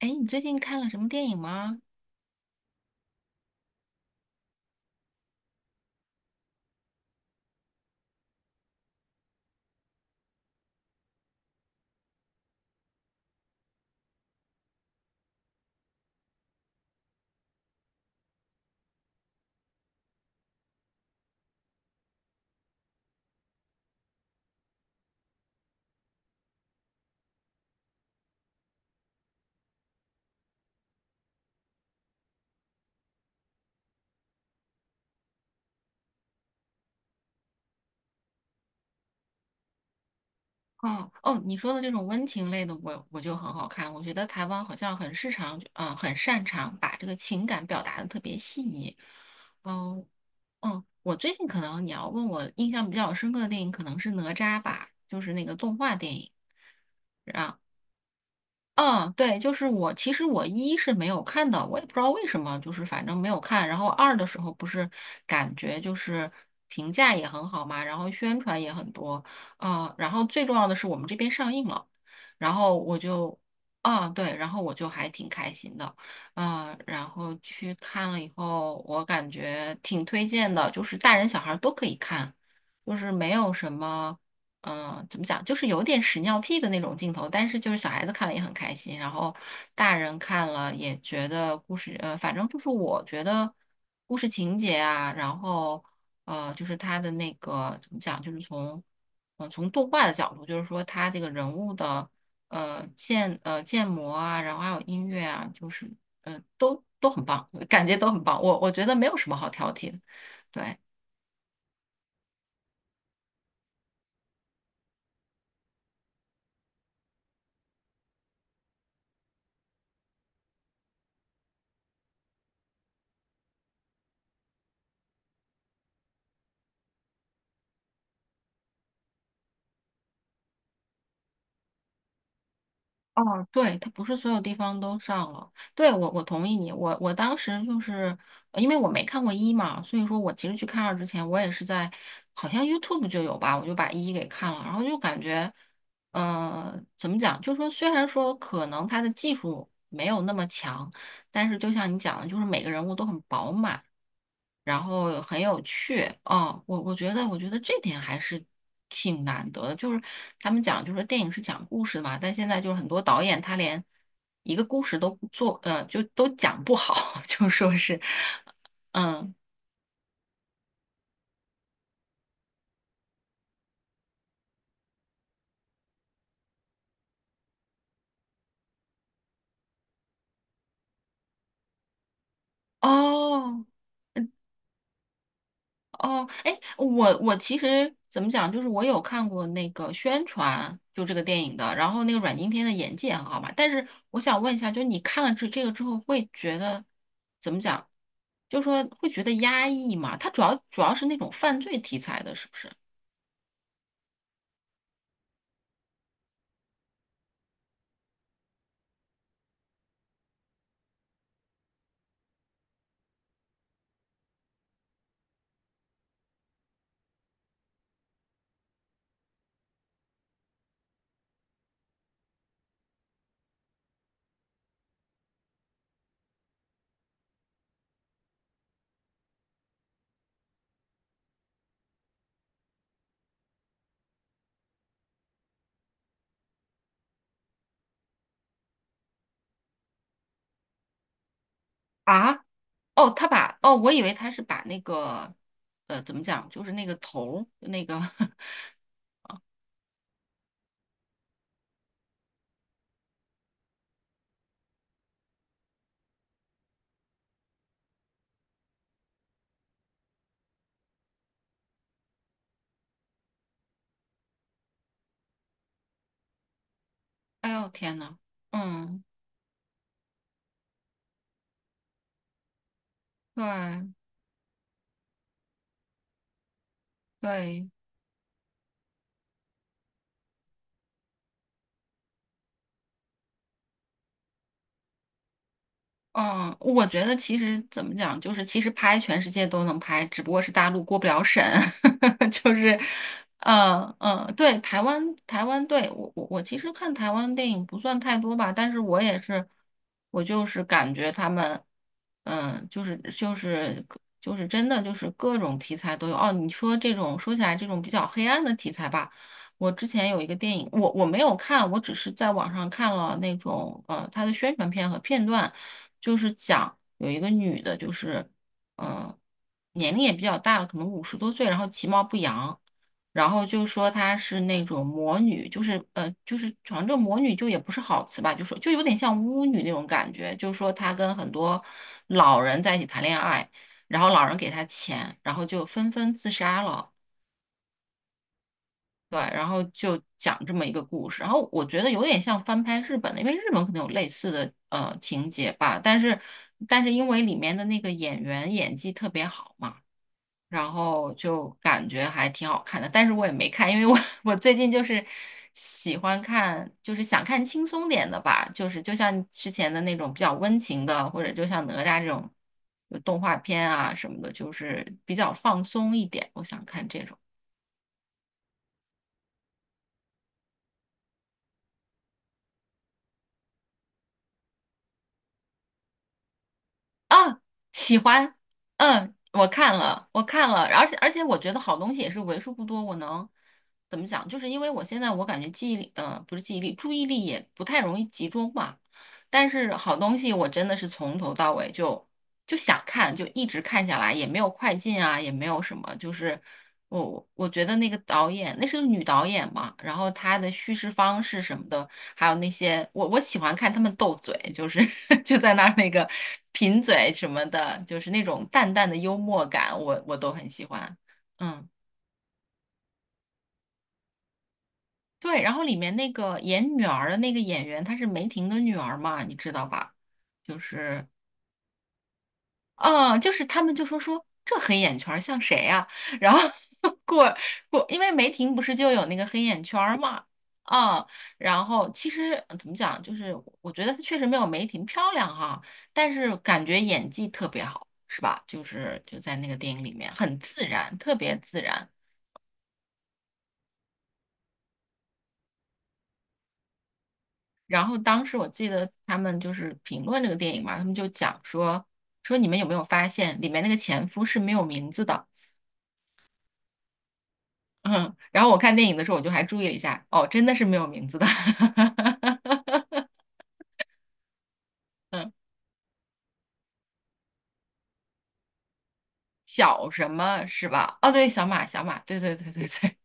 哎，你最近看了什么电影吗？哦哦，你说的这种温情类的我就很好看。我觉得台湾好像很擅长，很擅长把这个情感表达的特别细腻。嗯、嗯，我最近可能你要问我印象比较深刻的电影，可能是《哪吒》吧，就是那个动画电影。嗯，对，就是我，其实我一是没有看的，我也不知道为什么，就是反正没有看。然后二的时候不是感觉就是评价也很好嘛，然后宣传也很多，然后最重要的是我们这边上映了，然后我就，啊，对，然后我就还挺开心的，然后去看了以后，我感觉挺推荐的，就是大人小孩儿都可以看，就是没有什么。嗯，怎么讲，就是有点屎尿屁的那种镜头，但是就是小孩子看了也很开心，然后大人看了也觉得故事，反正就是我觉得故事情节啊，然后就是他的那个怎么讲，就是从动画的角度，就是说他这个人物的建模啊，然后还有音乐啊，就是呃都很棒，感觉都很棒，我觉得没有什么好挑剔的，对。哦，对，它不是所有地方都上了。对，我同意你。我当时就是因为我没看过一嘛，所以说我其实去看二之前，我也是在好像 YouTube 就有吧，我就把一给看了，然后就感觉，呃，怎么讲？就是说虽然说可能它的技术没有那么强，但是就像你讲的，就是每个人物都很饱满，然后很有趣。哦，我觉得，我觉得这点还是挺难得的。就是他们讲，就是电影是讲故事嘛，但现在就是很多导演他连一个故事都不做，就都讲不好，就说是，嗯，哦。哦，哎，我其实怎么讲，就是我有看过那个宣传，就这个电影的，然后那个阮经天的演技也很好嘛。但是我想问一下，就是你看了这个之后，会觉得怎么讲？就说会觉得压抑嘛？他主要是那种犯罪题材的，是不是？啊，哦，他把哦，我以为他是把那个怎么讲，就是那个头儿那个，哎呦天呐，嗯，对对。嗯，我觉得其实怎么讲，就是其实拍全世界都能拍，只不过是大陆过不了审，就是，嗯嗯，对，台湾台湾，对，我其实看台湾电影不算太多吧，但是我也是，我就是感觉他们，嗯，就是真的就是各种题材都有。哦，你说这种说起来这种比较黑暗的题材吧。我之前有一个电影，我没有看，我只是在网上看了那种它的宣传片和片段。就是讲有一个女的，就是嗯，年龄也比较大了，可能五十多岁，然后其貌不扬，然后就说她是那种魔女，就是就是反正这魔女就也不是好词吧，就说就有点像巫女那种感觉，就是说她跟很多老人在一起谈恋爱，然后老人给她钱，然后就纷纷自杀了。对，然后就讲这么一个故事，然后我觉得有点像翻拍日本的，因为日本可能有类似的情节吧，但是因为里面的那个演员演技特别好嘛，然后就感觉还挺好看的，但是我也没看，因为我 我最近就是喜欢看，就是想看轻松点的吧，就是就像之前的那种比较温情的，或者就像哪吒这种就动画片啊什么的，就是比较放松一点，我想看这种。啊，喜欢，嗯，我看了，我看了，而且我觉得好东西也是为数不多，我能怎么讲？就是因为我现在我感觉记忆力，嗯，不是记忆力，注意力也不太容易集中嘛，但是好东西我真的是从头到尾就想看，就一直看下来，也没有快进啊，也没有什么，就是我觉得那个导演，那是个女导演嘛，然后她的叙事方式什么的，还有那些我喜欢看他们斗嘴，就是 就在那儿那个贫嘴什么的，就是那种淡淡的幽默感，我都很喜欢。嗯，对，然后里面那个演女儿的那个演员，她是梅婷的女儿嘛，你知道吧？就是嗯，就是他们就说说这黑眼圈儿像谁呀、然后 过过，因为梅婷不是就有那个黑眼圈儿嘛，嗯，然后其实怎么讲，就是我觉得她确实没有梅婷漂亮哈、但是感觉演技特别好，是吧？就是就在那个电影里面很自然，特别自然。然后当时我记得他们就是评论这个电影嘛，他们就讲说你们有没有发现里面那个前夫是没有名字的。嗯，然后我看电影的时候，我就还注意了一下，哦，真的是没有名字的，嗯，小什么是吧？哦，对，小马，小马，对对对对对，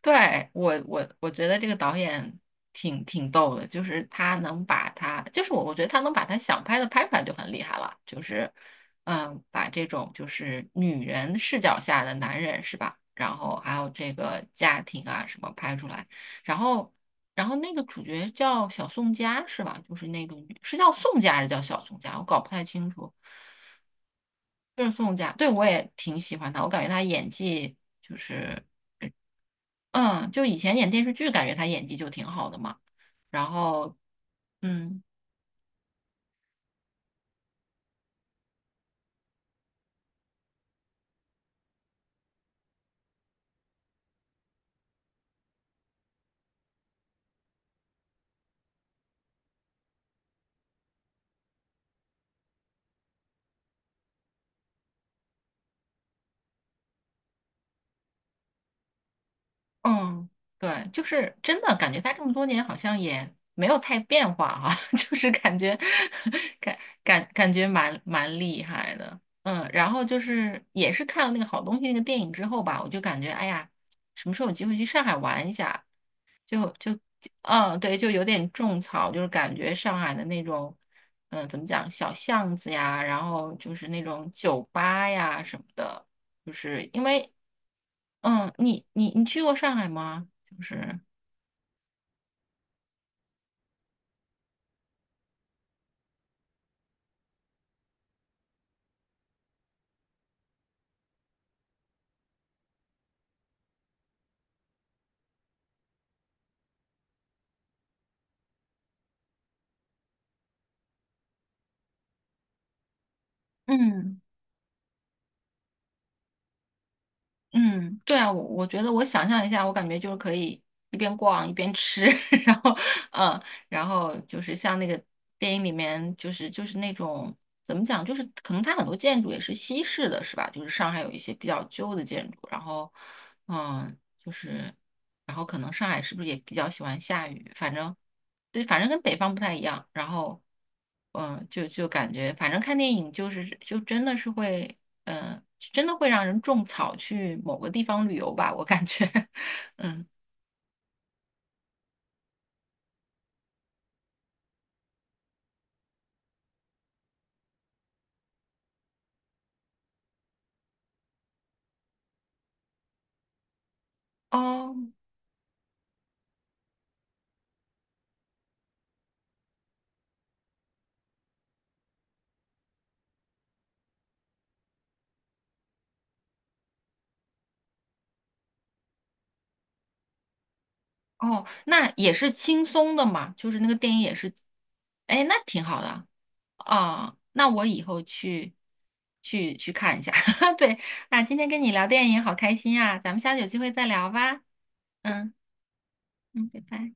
对，我觉得这个导演挺逗的，就是他能把他，就是我觉得他能把他想拍的拍出来就很厉害了，就是嗯，把这种就是女人视角下的男人是吧？然后还有这个家庭啊什么拍出来，然后然后那个主角叫小宋佳是吧？就是那个女是叫宋佳还是叫小宋佳？我搞不太清楚，就是宋佳，对我也挺喜欢她，我感觉她演技。就是。嗯，就以前演电视剧，感觉他演技就挺好的嘛。然后，嗯嗯，对，就是真的感觉他这么多年好像也没有太变化哈、就是感觉感感觉蛮厉害的。嗯，然后就是也是看了那个好东西那个电影之后吧，我就感觉哎呀，什么时候有机会去上海玩一下？就嗯，对，就有点种草，就是感觉上海的那种，嗯，怎么讲，小巷子呀，然后就是那种酒吧呀什么的，就是因为，嗯，你去过上海吗？就是。嗯。嗯，对啊，我觉得我想象一下，我感觉就是可以一边逛一边吃，然后嗯，然后就是像那个电影里面，那种怎么讲，就是可能它很多建筑也是西式的，是吧？就是上海有一些比较旧的建筑，然后嗯。就是，然后可能上海是不是也比较喜欢下雨？反正，对，反正跟北方不太一样。然后，嗯，就感觉，反正看电影就是就真的是会，嗯，真的会让人种草去某个地方旅游吧，我感觉，嗯，哦。哦，那也是轻松的嘛，就是那个电影也是，哎，那挺好的啊，那我以后去看一下。对，那今天跟你聊电影好开心啊，咱们下次有机会再聊吧。嗯嗯，拜拜。